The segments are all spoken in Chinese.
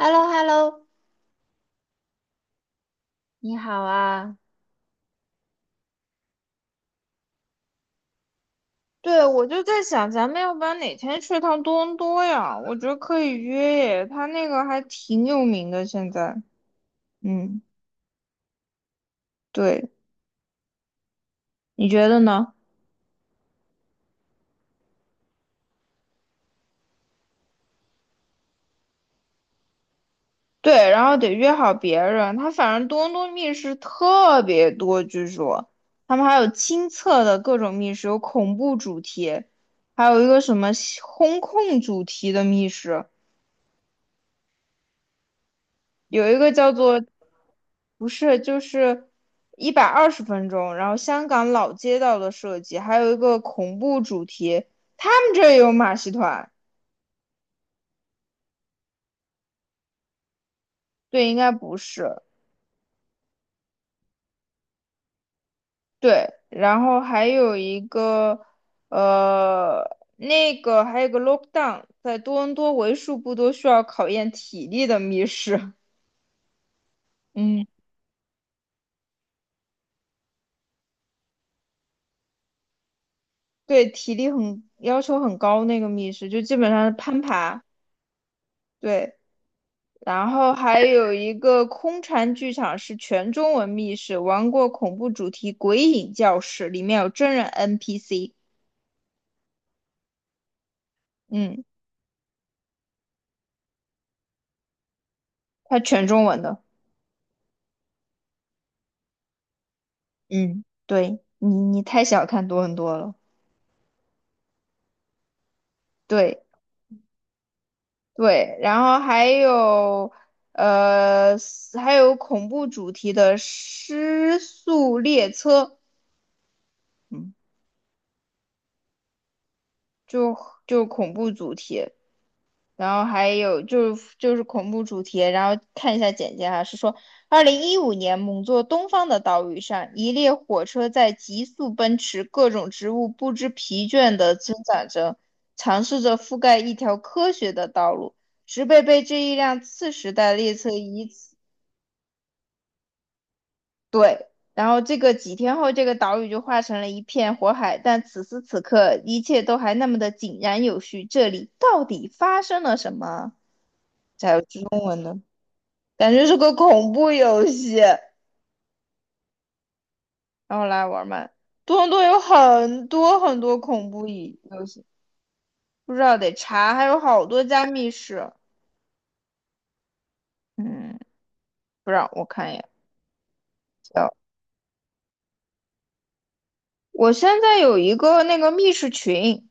h e l l o h e l l o 你好啊，对，我就在想，咱们要不然哪天去趟多伦多呀？我觉得可以约耶，他那个还挺有名的。现在，嗯，对，你觉得呢？对，然后得约好别人。他反正多伦多密室特别多，据说他们还有亲测的各种密室，有恐怖主题，还有一个什么西轰控主题的密室，有一个叫做不是，就是120分钟，然后香港老街道的设计，还有一个恐怖主题，他们这也有马戏团，对，应该不是，对，然后还有一个，那个还有个 lockdown，在多伦多为数不多需要考验体力的密室，嗯，对，体力很要求很高那个密室，就基本上是攀爬，对。然后还有一个空蝉剧场是全中文密室，玩过恐怖主题《鬼影教室》，里面有真人 NPC，嗯，它全中文的，嗯，对你太小看多伦多了，对对，然后呃还有恐怖主题的《失速列车》，嗯，就就恐怖主题，然后还有就是恐怖主题，然后看一下简介哈，是说2015年某座东方的岛屿上，一列火车在急速奔驰，各种植物不知疲倦地生长着，尝试着覆盖一条科学的道路，植被被这一辆次时代列车以此对。然后这个几天后，这个岛屿就化成了一片火海，但此时此刻，一切都还那么的井然有序。这里到底发生了什么？感觉是个恐怖游戏，然后来玩嘛。多伦多有很多很多恐怖椅，不知道得查，还有好多家密室。嗯，不知道我看一眼。叫我现在有一个那个密室群，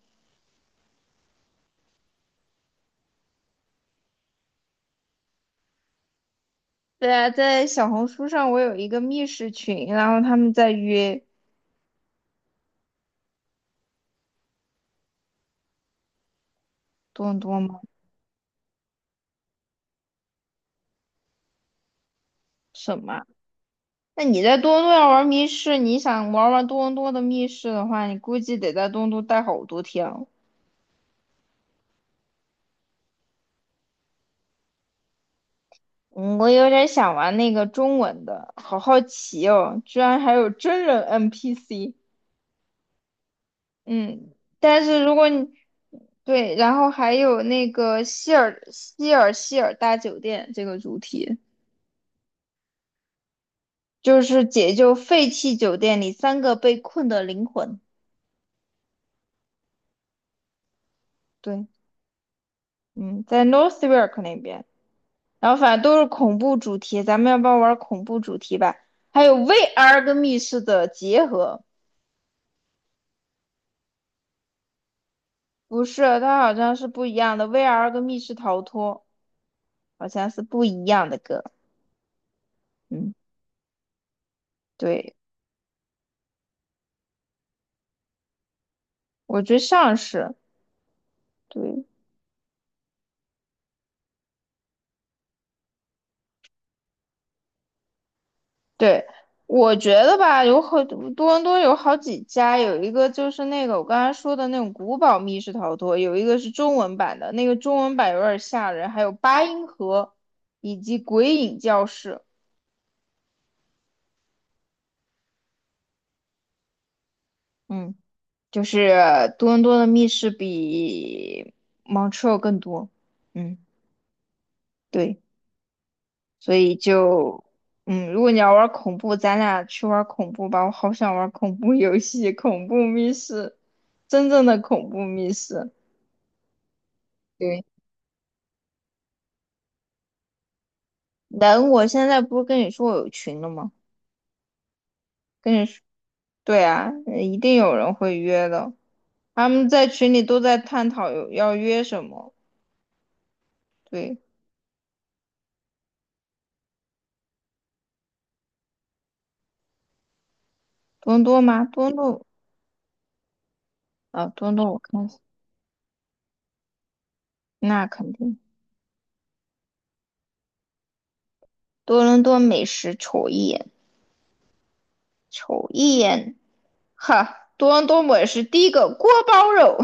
对啊，在小红书上我有一个密室群，然后他们在约多伦多吗？什么啊？那你在多伦多要玩密室，你想玩玩多伦多的密室的话，你估计得在多伦多待好多天哦嗯，我有点想玩那个中文的，好好奇哦，居然还有真人 NPC。嗯，但是如果你对，然后还有那个希尔大酒店这个主题，就是解救废弃酒店里3个被困的灵魂。对，嗯，在 Northwark 那边，然后反正都是恐怖主题，咱们要不要玩恐怖主题吧？还有 VR 跟密室的结合，不是，它好像是不一样的。VR 跟密室逃脱好像是不一样的歌。嗯，对，我觉得像是，对对，我觉得吧，有很多伦多有好几家，有一个就是那个我刚才说的那种古堡密室逃脱，有一个是中文版的，那个中文版有点吓人，还有八音盒以及鬼影教室。嗯，就是多伦多的密室比 Montreal 更多。嗯，对。所以就，嗯，如果你要玩恐怖，咱俩去玩恐怖吧。我好想玩恐怖游戏，恐怖密室，真正的恐怖密室。对，能？我现在不是跟你说我有群了吗？跟你说，对啊，一定有人会约的。他们在群里都在探讨有要约什么。对，多伦多吗？多伦多啊，多伦多，我看一下，那肯定。多伦多美食瞅一眼，瞅一眼。哈，多伦多美食第一个锅包肉，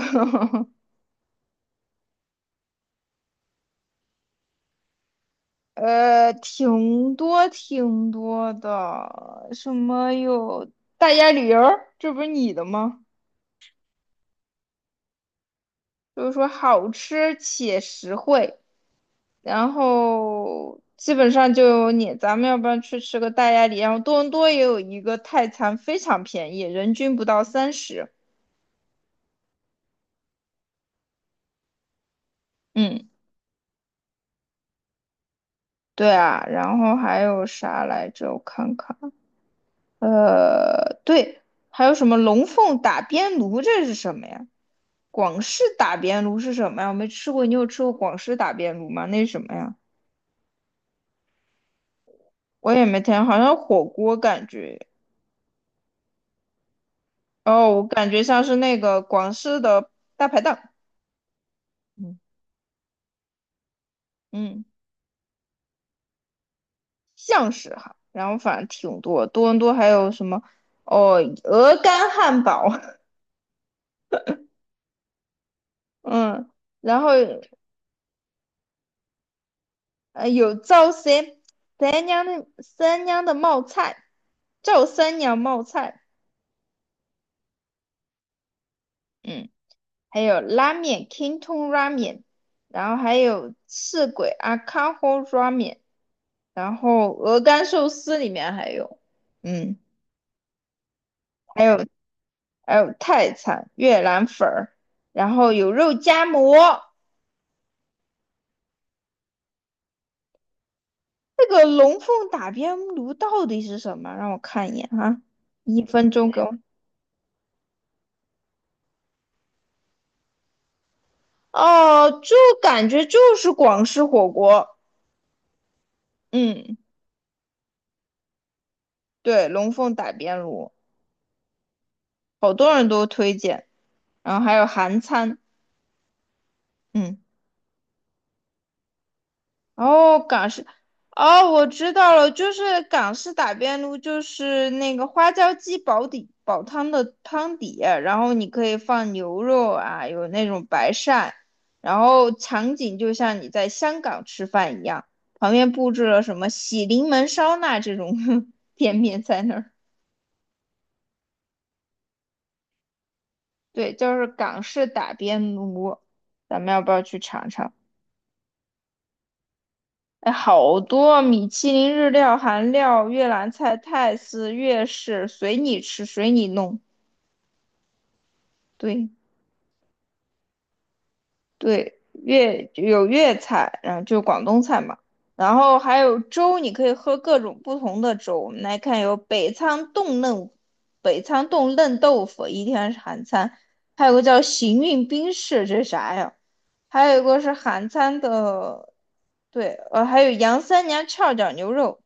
挺多挺多的，什么有大鸭驴儿，这不是你的吗？就是说好吃且实惠，然后基本上就有你，咱们要不然去吃个大鸭梨，然后多伦多也有一个泰餐，非常便宜，人均不到30，嗯，对啊，然后还有啥来着？我看看。对，还有什么龙凤打边炉？这是什么呀？广式打边炉是什么呀？我没吃过，你有吃过广式打边炉吗？那是什么呀？我也没听，好像火锅感觉。哦，我感觉像是那个广式的大排档，嗯嗯，像是哈。然后反正挺多，多伦多还有什么哦，鹅肝汉堡，嗯，然后有赵三娘的冒菜，赵三娘冒菜，嗯，还有拉面 Kinton Ramen，然后还有赤鬼 Akaho Ramen，然后鹅肝寿司里面还有，嗯，还有还有泰餐越南粉儿，然后有肉夹馍。这个龙凤打边炉到底是什么？让我看一眼哈，一分钟给我。哦，就感觉就是广式火锅，嗯，对，龙凤打边炉，好多人都推荐。然后还有韩餐，嗯，哦，港式，哦，我知道了，就是港式打边炉，就是那个花椒鸡煲底煲汤的汤底，然后你可以放牛肉啊，有那种白鳝，然后场景就像你在香港吃饭一样，旁边布置了什么喜临门烧腊这种 店面在那儿。对，就是港式打边炉，咱们要不要去尝尝？哎，好多米其林、日料、韩料、越南菜、泰式、粤式，随你吃，随你弄。对对，粤有粤菜，然后就广东菜嘛，然后还有粥，你可以喝各种不同的粥。我们来看，有北仓冻嫩，北仓冻嫩豆腐，一天是韩餐，还有个叫行运冰室，这是啥呀？还有一个是韩餐的对，还有杨三娘翘脚牛肉，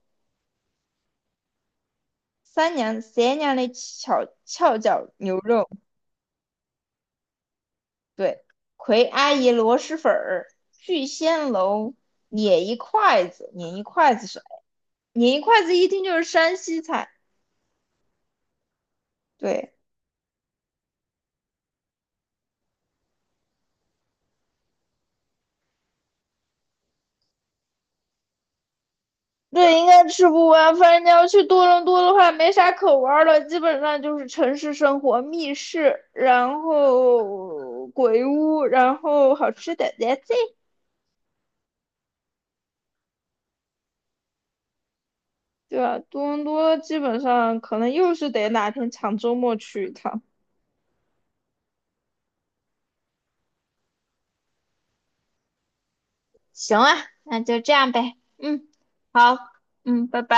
三娘的翘脚牛肉，对，葵阿姨螺蛳粉儿，聚仙楼捻一筷子，捻一筷子是捻一筷子，一听就是山西菜，对。对，应该吃不完。反正你要去多伦多的话，没啥可玩的，基本上就是城市生活、密室，然后鬼屋，然后好吃的 t h a 对啊，多伦多基本上可能又是得哪天抢周末去一趟。行啊，那就这样呗。嗯，好，嗯，拜拜。